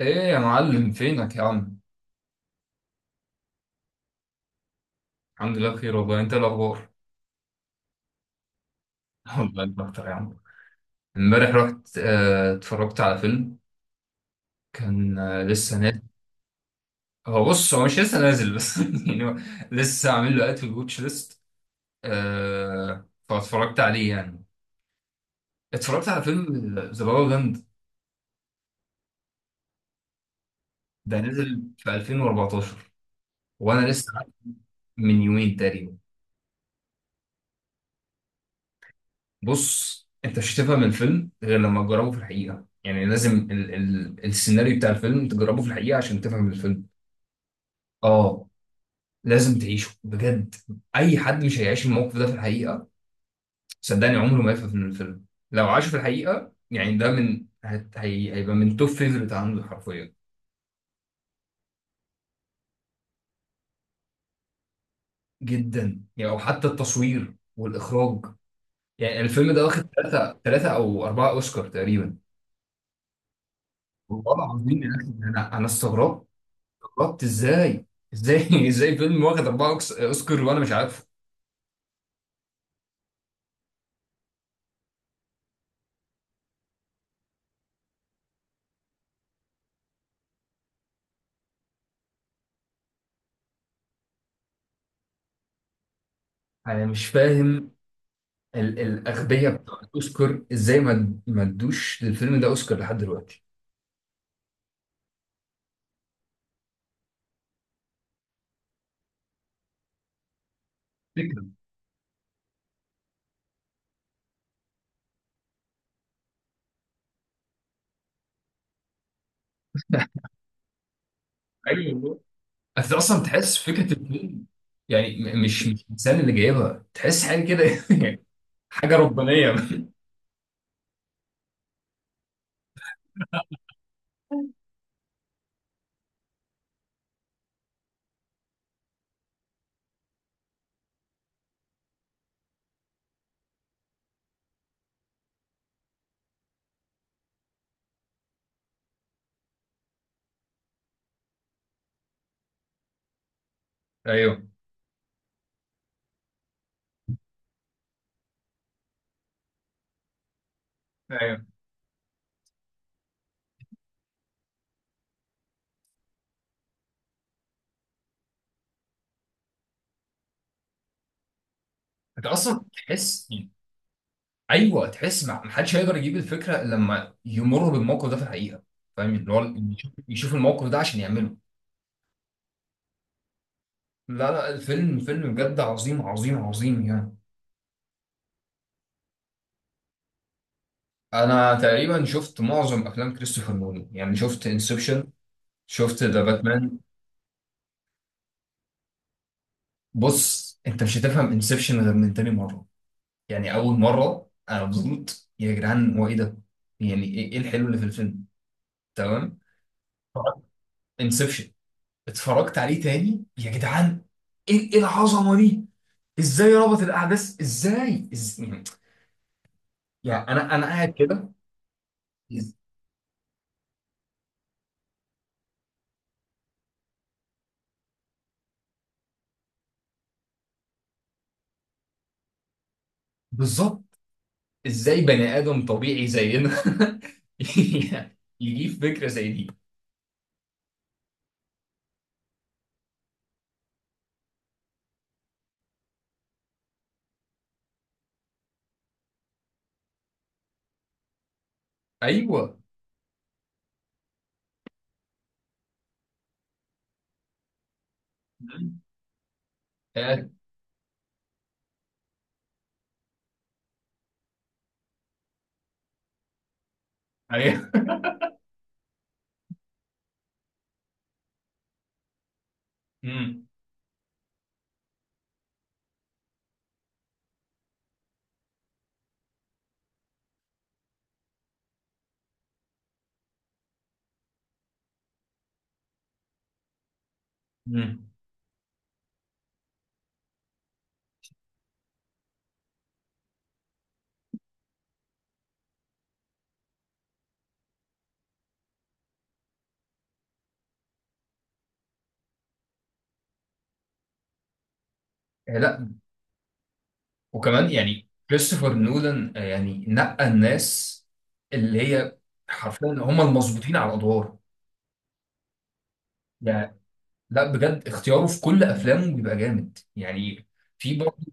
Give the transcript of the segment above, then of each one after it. ايه يا معلم، فينك يا عم؟ الحمد لله بخير والله. انت إيه الاخبار؟ والله انت اكتر يا عم. امبارح رحت اتفرجت على فيلم. كان لسه نازل. هو بص، هو مش لسه نازل بس يعني هو لسه عامل له اد في الواتش ليست. فاتفرجت عليه يعني، اتفرجت على فيلم ذا لا لا لاند. ده نزل في 2014 وانا لسه عارف من يومين تقريبا. بص، انت مش هتفهم الفيلم غير لما تجربه في الحقيقه. يعني لازم ال السيناريو بتاع الفيلم تجربه في الحقيقه عشان تفهم الفيلم. اه، لازم تعيشه بجد. اي حد مش هيعيش الموقف ده في الحقيقه صدقني عمره ما يفهم من الفيلم. لو عاشه في الحقيقه يعني، ده من هت- هي هيبقى من توب فيفرت عنده حرفيا. جدا يعني، او حتى التصوير والاخراج. يعني الفيلم ده واخد ثلاثه او اربعه اوسكار تقريبا. والله العظيم يا أخي، انا استغربت. ربط ازاي؟ ازاي ازاي فيلم واخد اوسكار وانا مش عارفه؟ انا مش فاهم، الاغبياء بتوع الاوسكار ازاي ما ادوش للفيلم ده اوسكار لحد دلوقتي؟ فكرة. ايوه والله. انت اصلا تحس فكره الفيلم، يعني مش الانسان اللي جايبها تحس حاجه كده حاجه ربانيه. ايوه. ايوه، انت اصلا تحس يعني. ايوه، تحس. ما حدش هيقدر يجيب الفكره إلا لما يمر بالموقف ده في الحقيقه. فاهم؟ اللي هو يشوف الموقف ده عشان يعمله. لا لا، الفيلم فيلم بجد عظيم عظيم عظيم يعني. انا تقريبا شفت معظم افلام كريستوفر نولان. يعني شفت انسبشن، شفت ذا باتمان. بص، انت مش هتفهم انسبشن غير من تاني مره. يعني اول مره انا مبسوط، يا جدعان هو ايه ده؟ يعني ايه، إيه الحلو اللي في الفيلم؟ تمام. انسبشن اتفرجت عليه تاني، يا جدعان ايه، إيه العظمه دي؟ ازاي ربط الاحداث؟ ازاي؟ يعني انا قاعد كده. إز- بالظبط. ازاي بني ادم طبيعي زينا يعني يجيب فكره زي دي؟ ايوه. آه، ايوه مم. مم. لا، وكمان يعني كريستوفر نولان يعني نقى الناس اللي هي حرفيا هم المظبوطين على الادوار يعني. لا بجد، اختياره في كل افلامه بيبقى جامد يعني. في برضه.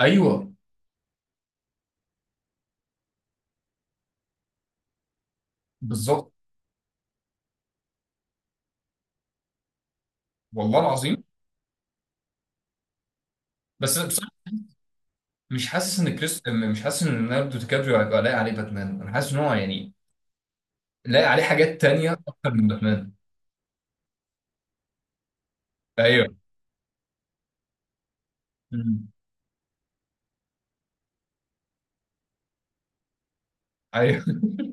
ايوه. بالظبط والله العظيم. بس أنا بصراحة مش حاسس ان مش حاسس ان ليوناردو دي كابريو هيبقى لايق عليه باتمان. انا حاسس ان هو يعني لاقي عليه حاجات تانية أكتر من باتمان. أيوه. مم. أيوه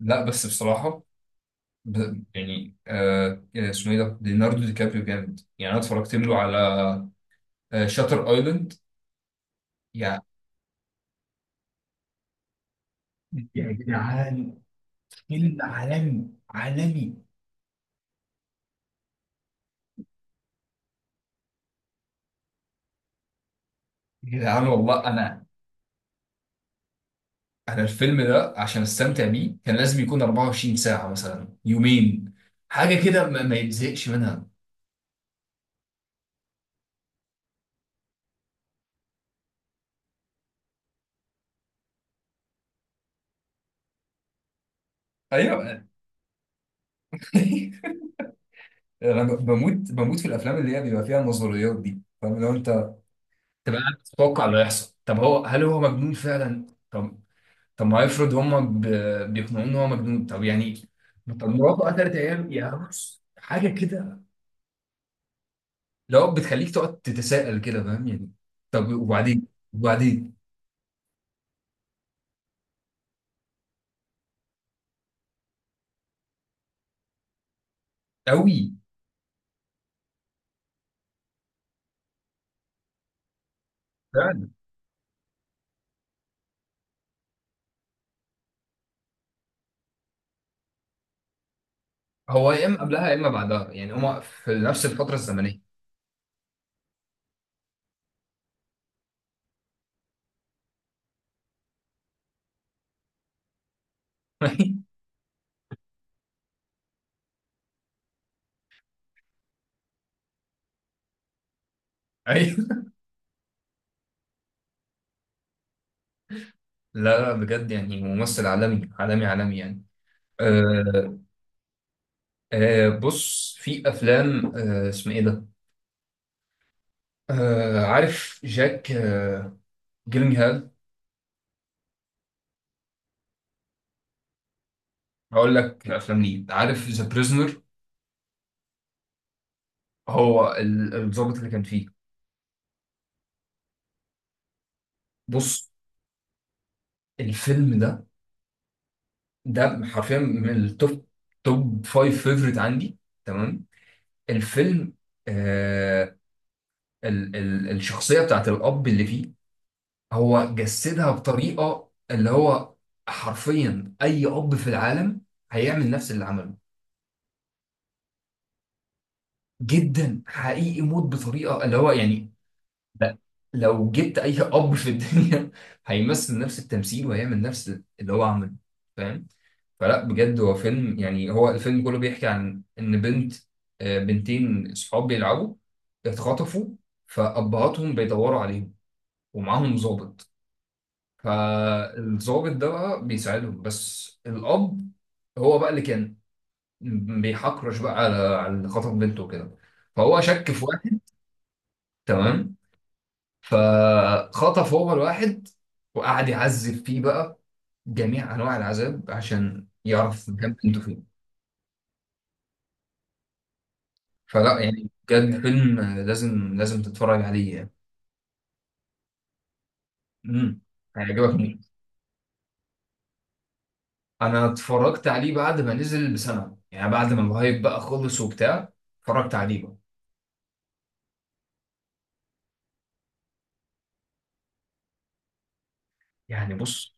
لا بس بصراحة، إيه، اسمه إيه ده؟ ليوناردو دي كابريو جامد يعني. أنا اتفرجت له على شاتر أيلاند يعني. يا جدعان، فيلم عالمي عالمي. يا جدعان والله، أنا أنا الفيلم ده عشان أستمتع بيه كان لازم يكون 24 ساعة مثلا، يومين، حاجة كده ما يتزهقش منها. أيوه أنا بموت في الأفلام اللي هي بيبقى فيها النظريات دي، فاهم؟ لو أنت تبقى قاعد تتوقع اللي هيحصل، طب هو هل هو مجنون فعلا؟ طب، طب ما افرض هم بيقنعوه ان هو مجنون. طب يعني، طب مراته قتلت عياله يعني. بص، حاجه كده لو بتخليك تقعد تتساءل كده، فاهم يعني؟ طب وبعدين؟ وبعدين؟ قوي. فعلا. هو يا اما قبلها يا اما بعدها، يعني هما في نفس الفتره الزمنيه. ايوه. لا لا، بجد يعني ممثل عالمي عالمي عالمي يعني. أه. أه، بص في افلام. أه، اسمه ايه ده؟ آه، عارف جاك آه جيلينغهال. هقول لك الافلام ليه. عارف ذا بريزنر؟ هو الضابط اللي كان فيه. بص، الفيلم ده ده حرفيا من التوب، توب فايف فيفوريت عندي. تمام. الفيلم، آه، ال الشخصيه بتاعت الاب اللي فيه، هو جسدها بطريقه اللي هو حرفيا اي اب في العالم هيعمل نفس اللي عمله. جدا حقيقي، موت بطريقه اللي هو يعني. لا، لو جبت اي اب في الدنيا هيمثل نفس التمثيل وهيعمل نفس اللي هو عمله، فاهم؟ فلا بجد هو فيلم يعني، هو الفيلم كله بيحكي عن ان بنت، بنتين صحاب بيلعبوا اتخطفوا، فابهاتهم بيدوروا عليهم ومعاهم ضابط. فالضابط ده بقى بيساعدهم، بس الاب هو بقى اللي كان بيحكرش بقى على على اللي خطف بنته كده. فهو شك في واحد، تمام، فخطف هو الواحد وقعد يعذب فيه بقى جميع انواع العذاب عشان يعرف بجد انتوا فين. فلا يعني بجد، فيلم لازم لازم تتفرج عليه يعني. امم، هيعجبك موت. انا اتفرجت عليه بعد ما نزل بسنه، يعني بعد ما الهايب بقى خلص وبتاع، اتفرجت عليه بقى. يعني بص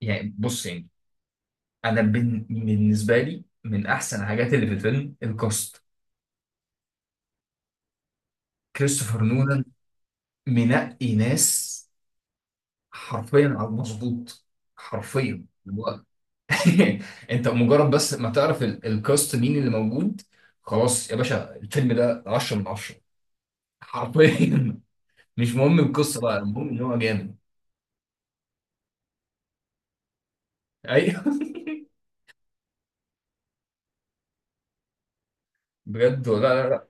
يعني، بص يعني انا بالنسبه لي من احسن الحاجات اللي في الفيلم الكاست. كريستوفر نولان منقي ناس حرفيا على المظبوط، حرفيا اللي هو انت مجرد بس ما تعرف الكاست مين اللي موجود، خلاص يا باشا الفيلم ده 10 من 10 حرفيا. مش مهم القصه بقى، المهم ان هو جامد. ايوه بجد لا لا لا.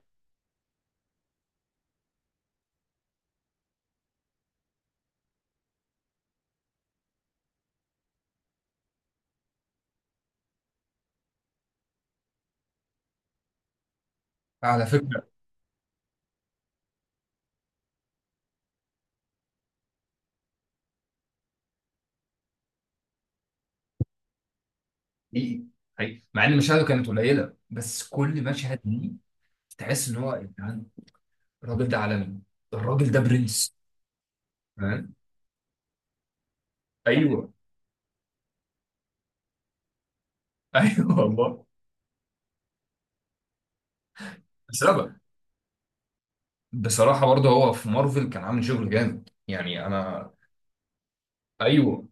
على فكره. حقيقي، حقيقي، مع ان مشاهده كانت قليله بس كل مشهد ليه تحس ان هو يا جدعان الراجل ده عالمي، الراجل ده برنس، فاهم؟ ايوه ايوه والله. بسبب، بصراحة برضه هو في مارفل كان عامل شغل جامد يعني أنا. أيوه،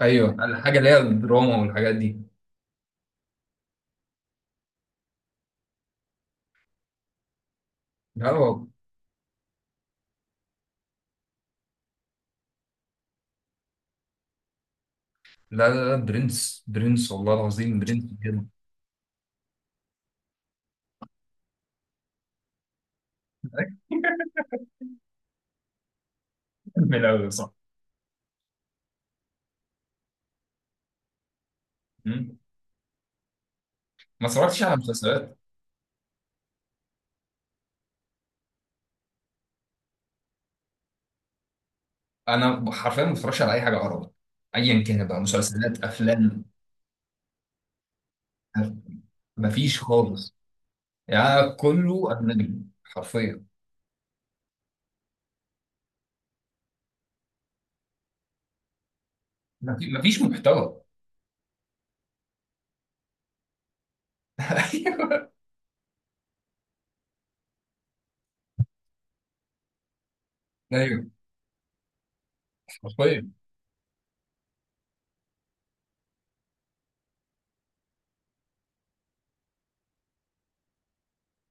أيوه الحاجة اللي هي الدراما والحاجات دي. لا هو، لا لا لا برنس برنس والله العظيم برنس بجد. من الأول صح. مم. ما اتفرجتش على مسلسلات. أنا حرفيا ما بتفرجش على أي حاجة عربي أيا كان بقى، مسلسلات، أفلام، مفيش خالص. يعني كله أجنبي حرفيا. مفيش محتوى. أيوه. أيوه حرفيا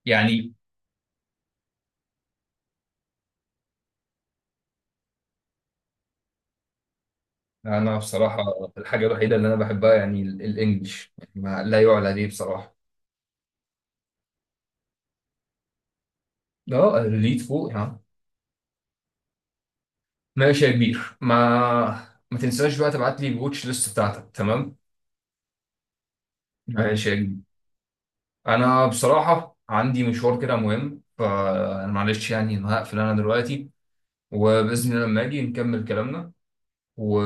يعني. انا بصراحه الحاجه الوحيده اللي انا بحبها يعني الانجليش، يعني ما لا يعلى عليه بصراحه. اه ريليت فوق ها. ماشي يا كبير، ما تنساش بقى تبعت لي الواتش ليست بتاعتك، تمام؟ ماشي يا كبير، انا بصراحه عندي مشوار كده مهم، فانا معلش يعني انا هقفل انا دلوقتي، وباذن الله لما اجي نكمل كلامنا و...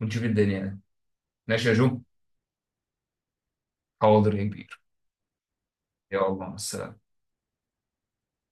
ونشوف الدنيا يعني. ماشي يا جو. حاضر يا كبير. يلا مع السلامه.